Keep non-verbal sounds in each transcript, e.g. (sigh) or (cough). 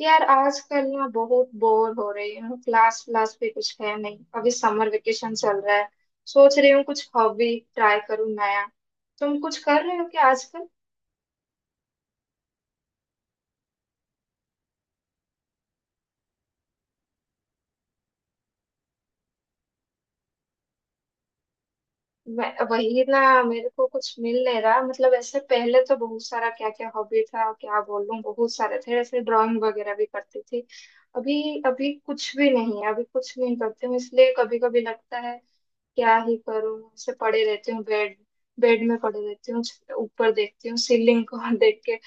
यार आजकल ना बहुत बोर हो रही हूँ। क्लास क्लास भी कुछ है नहीं, अभी समर वेकेशन चल रहा है। सोच रही हूँ कुछ हॉबी ट्राई करूँ नया। तुम कुछ कर रहे हो क्या आजकल? वही ना, मेरे को कुछ मिल नहीं रहा, मतलब ऐसे पहले तो बहुत सारा क्या क्या हॉबी था, क्या बोलूं, बहुत सारे थे ऐसे, ड्राइंग वगैरह भी करती थी। अभी अभी कुछ भी नहीं है, अभी कुछ नहीं करती हूँ, इसलिए कभी कभी लगता है क्या ही करूं, ऐसे पड़े रहती हूँ बेड। बेड में पड़े रहती हूँ। ऊपर देखती हूँ सीलिंग को (laughs) देख के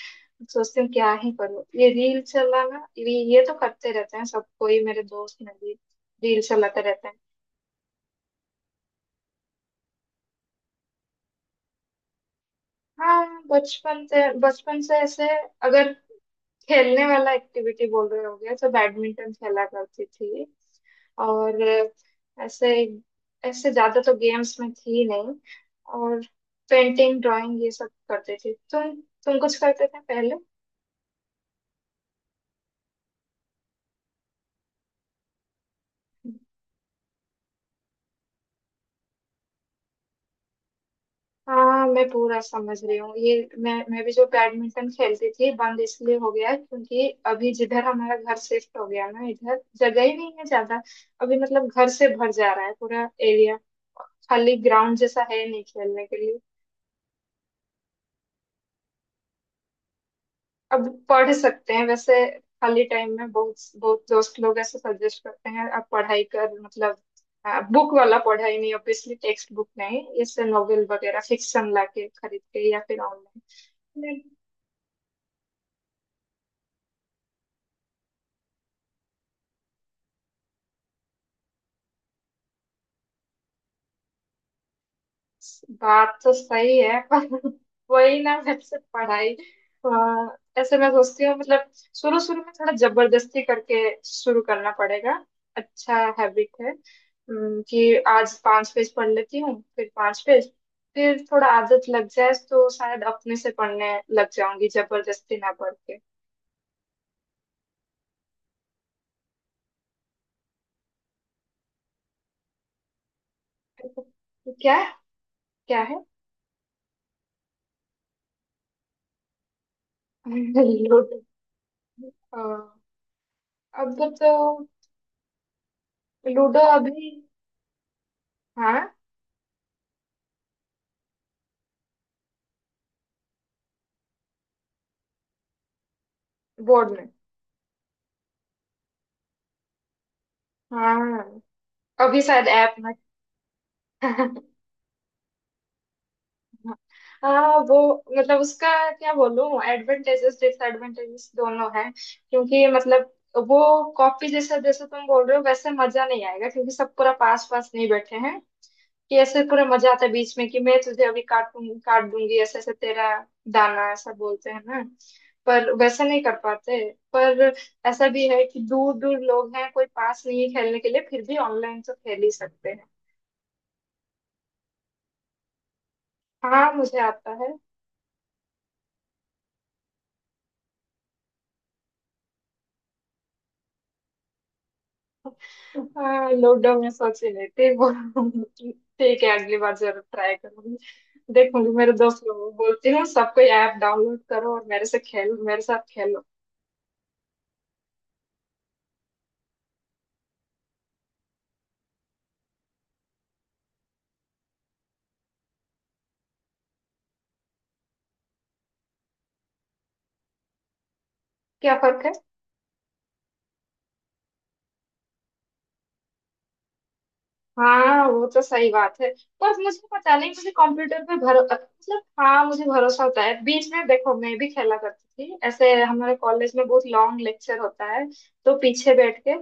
सोचती हूँ क्या ही करूँ। ये रील चलाना ये तो करते रहते हैं सब, कोई मेरे दोस्त में भी रील चलाते रहते हैं। हाँ, बचपन से ऐसे अगर खेलने वाला एक्टिविटी बोल रहे हो गया तो बैडमिंटन खेला करती थी। और ऐसे ऐसे ज्यादा तो गेम्स में थी नहीं। और पेंटिंग ड्राइंग ये सब करते थे तुम? तुम कुछ करते थे पहले? हाँ, मैं पूरा समझ रही हूँ ये। मैं भी जो बैडमिंटन खेलती थी बंद इसलिए हो गया है, क्योंकि अभी जिधर हमारा घर शिफ्ट हो गया ना, इधर जगह ही नहीं है ज्यादा। अभी मतलब घर से भर जा रहा है पूरा एरिया। खाली ग्राउंड जैसा है नहीं खेलने के लिए। अब पढ़ सकते हैं वैसे, खाली टाइम में। बहुत बहुत दोस्त लोग ऐसे सजेस्ट करते हैं, आप पढ़ाई कर, मतलब बुक वाला पढ़ाई नहीं ऑब्वियसली, टेक्स्ट बुक नहीं, इससे नॉवेल वगैरह फिक्शन लाके खरीद के या फिर ऑनलाइन। बात तो सही है पर (laughs) वही ना, वैसे पढ़ाई ऐसे मैं सोचती हूँ, मतलब शुरू शुरू में थोड़ा जबरदस्ती करके शुरू करना पड़ेगा। अच्छा हैबिट है कि आज पांच पेज पढ़ लेती हूँ, फिर 5 पेज, फिर थोड़ा आदत लग जाए तो शायद अपने से पढ़ने लग जाऊंगी, जबरदस्ती ना पढ़ के। क्या? क्या है? (laughs) लूडो। अ, अब तो लूडो अभी? हाँ, बोर्ड में। हाँ, अभी शायद ऐप में। (laughs) हाँ, वो मतलब उसका क्या बोलूं, एडवांटेजेस डिसएडवांटेजेस दोनों हैं, क्योंकि मतलब वो कॉपी जैसा जैसे तुम बोल रहे हो वैसे मजा नहीं आएगा क्योंकि सब पूरा पास पास नहीं बैठे हैं। कि ऐसे पूरा मजा आता है बीच में, कि मैं तुझे अभी काटूं, काट दूंगी ऐसे ऐसे तेरा दाना, ऐसा बोलते हैं ना। पर वैसे नहीं कर पाते। पर ऐसा भी है कि दूर दूर लोग हैं, कोई पास नहीं है खेलने के लिए, फिर भी ऑनलाइन तो खेल ही सकते हैं। हाँ, मुझे आता है। हाँ, लॉकडाउन में सोच ही नहीं थी, ठीक है, अगली बार जरूर ट्राई करूंगी। देखूंगी, मेरे दोस्त लोगों को बोलती हूँ सबको, ऐप डाउनलोड करो और मेरे से खेल, मेरे साथ खेलो। क्या फर्क है? हाँ, वो तो सही बात है। पर मुझे पता नहीं, मुझे कंप्यूटर पे भरो मतलब, हाँ, मुझे भरोसा होता है। बीच में देखो, मैं भी खेला करती थी ऐसे, हमारे कॉलेज में बहुत लॉन्ग लेक्चर होता है तो पीछे बैठ के,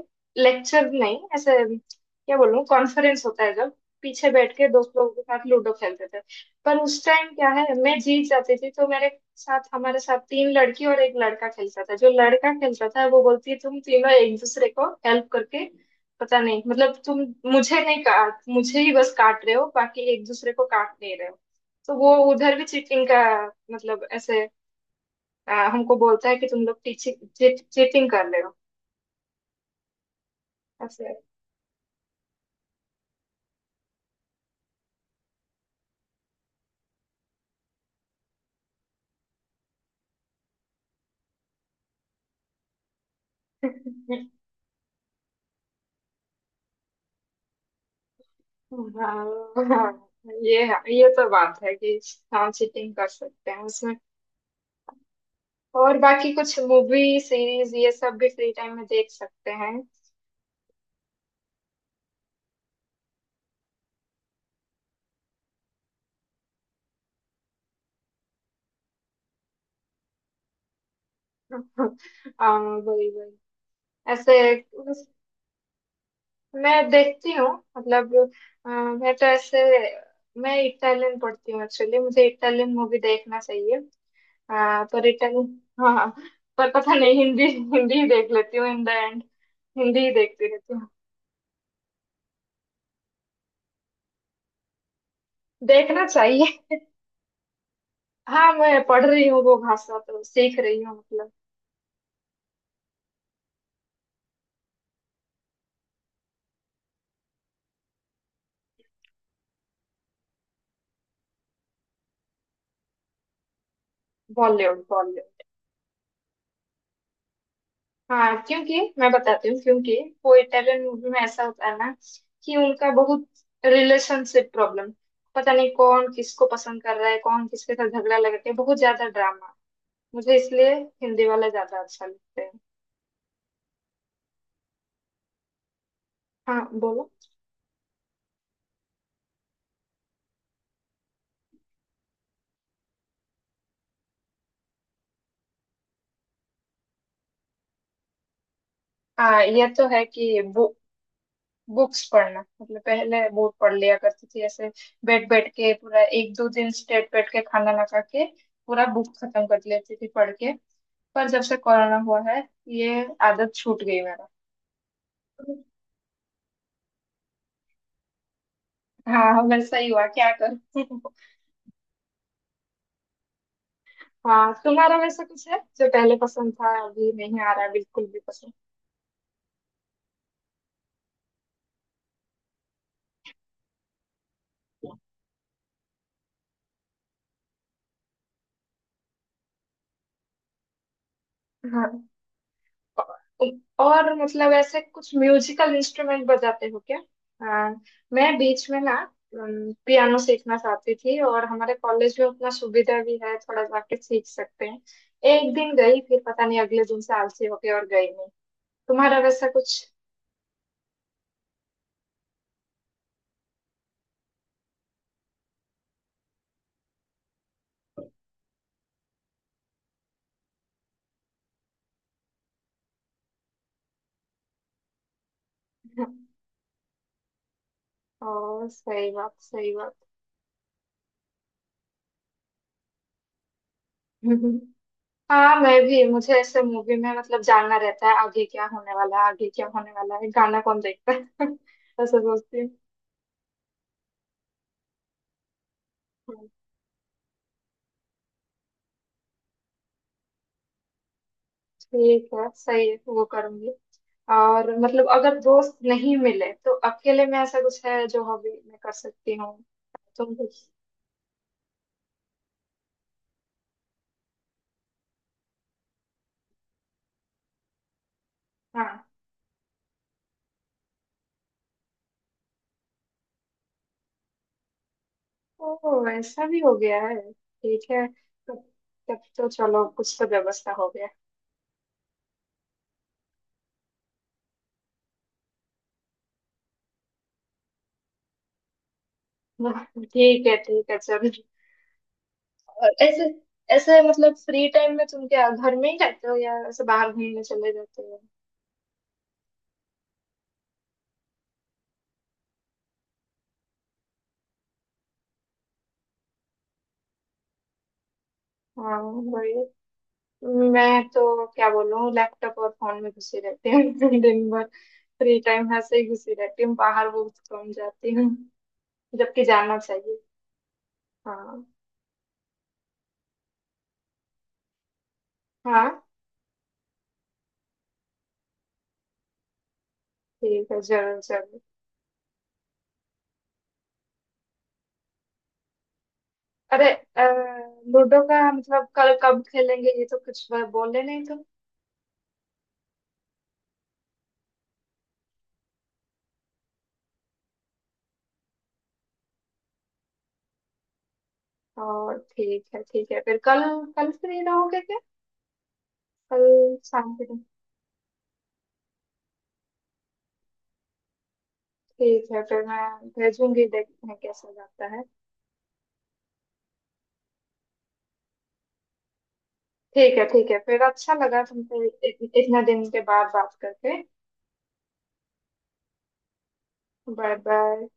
लेक्चर नहीं ऐसे क्या बोलूं कॉन्फ्रेंस होता है जब, पीछे बैठ के दोस्त लोगों के साथ लूडो खेलते थे। पर उस टाइम क्या है, मैं जीत जाती थी तो मेरे साथ हमारे साथ तीन लड़की और एक लड़का खेलता था। जो लड़का खेलता था वो बोलती है, तुम तीनों एक दूसरे को हेल्प करके, पता नहीं मतलब, तुम मुझे नहीं काट, मुझे ही बस काट रहे हो, बाकी एक दूसरे को काट नहीं रहे हो, तो वो उधर भी चीटिंग का मतलब ऐसे हमको बोलता है कि तुम लोग चीटिंग कर रहे हो ऐसे। हाँ, हाँ, ये है। ये तो बात है कि हाँ, चीटिंग कर सकते हैं उसमें। और बाकी कुछ मूवी सीरीज ये सब भी फ्री टाइम में देख सकते हैं। (laughs) वही वही ऐसे मैं देखती हूँ, मतलब मैं तो ऐसे, मैं इटालियन पढ़ती हूँ एक्चुअली, मुझे इटालियन मूवी देखना चाहिए। अ, पर इटालियन, हाँ, पर पता नहीं, हिंदी हिंदी ही देख लेती हूँ इन द एंड। हिंदी ही देखती रहती हूँ, देखना चाहिए। हाँ, मैं पढ़ रही हूँ, वो भाषा तो सीख रही हूँ, मतलब बॉलीवुड, बॉलीवुड। हाँ, क्योंकि मैं बताती हूँ, क्योंकि वो इटालियन मूवी में ऐसा होता है ना, कि उनका बहुत रिलेशनशिप प्रॉब्लम, पता नहीं कौन किसको पसंद कर रहा है, कौन किसके साथ झगड़ा लगा के, बहुत ज्यादा ड्रामा, मुझे इसलिए हिंदी वाला ज्यादा अच्छा लगता है। हाँ बोलो। हाँ, ये तो है कि बुक्स पढ़ना, मतलब पहले बहुत पढ़ लिया करती थी, ऐसे बैठ बैठ के पूरा एक दो दिन स्ट्रेट बैठ के खाना ना खा के पूरा बुक खत्म कर लेती थी पढ़ के। पर जब से कोरोना हुआ है, ये आदत छूट गई मेरा। हाँ, वैसा ही हुआ, क्या करूं। (laughs) हाँ, तुम्हारा वैसा कुछ है जो पहले पसंद था, अभी नहीं आ रहा है बिल्कुल भी पसंद? हाँ, औ- और मतलब ऐसे कुछ म्यूजिकल इंस्ट्रूमेंट बजाते हो क्या? हाँ, मैं बीच में ना पियानो सीखना चाहती थी और हमारे कॉलेज में उतना सुविधा भी है, थोड़ा जाके सीख सकते हैं। एक दिन गई, फिर पता नहीं अगले दिन से आलसी हो गई और गई नहीं। तुम्हारा वैसा कुछ? (laughs) ओ सही बात, सही बात। (laughs) हाँ, मैं भी, मुझे ऐसे मूवी में मतलब जानना रहता है आगे क्या होने वाला है, आगे क्या होने वाला है, गाना कौन देखता है। (laughs) ऐसा सोचती हूँ। हाँ। ठीक है, सही है, वो करूंगी। और मतलब अगर दोस्त नहीं मिले तो अकेले में ऐसा कुछ है जो हॉबी मैं कर सकती हूँ? तुम कुछ? हाँ। ओ, ऐसा भी हो गया है? ठीक है तब। तब तो चलो, कुछ तो व्यवस्था हो गया। (laughs) ठीक है, ठीक है, चलो। और ऐसे ऐसे मतलब फ्री टाइम में तुम क्या घर में ही रहते हो या ऐसे बाहर घूमने चले जाते हो? हाँ, बढ़िया। मैं तो क्या बोलूँ, लैपटॉप और फोन में घुसी रहती हूँ। (laughs) दिन भर फ्री टाइम ऐसे ही घुसी रहती हूँ, बाहर बहुत कम जाती हूँ, जबकि जाना चाहिए। हाँ। हाँ, ठीक है, जरूर जरूर। अरे लूडो का मतलब कल कब खेलेंगे, ये तो कुछ बोले नहीं तो? और ठीक है, ठीक है, फिर कल। कल फ्री रहोगे क्या? कल शाम को। ठीक है फिर मैं भेजूंगी, देखते हैं कैसा जाता है। ठीक है, ठीक है, फिर अच्छा लगा तुमसे इतना दिन के बाद बात करके। Bye bye.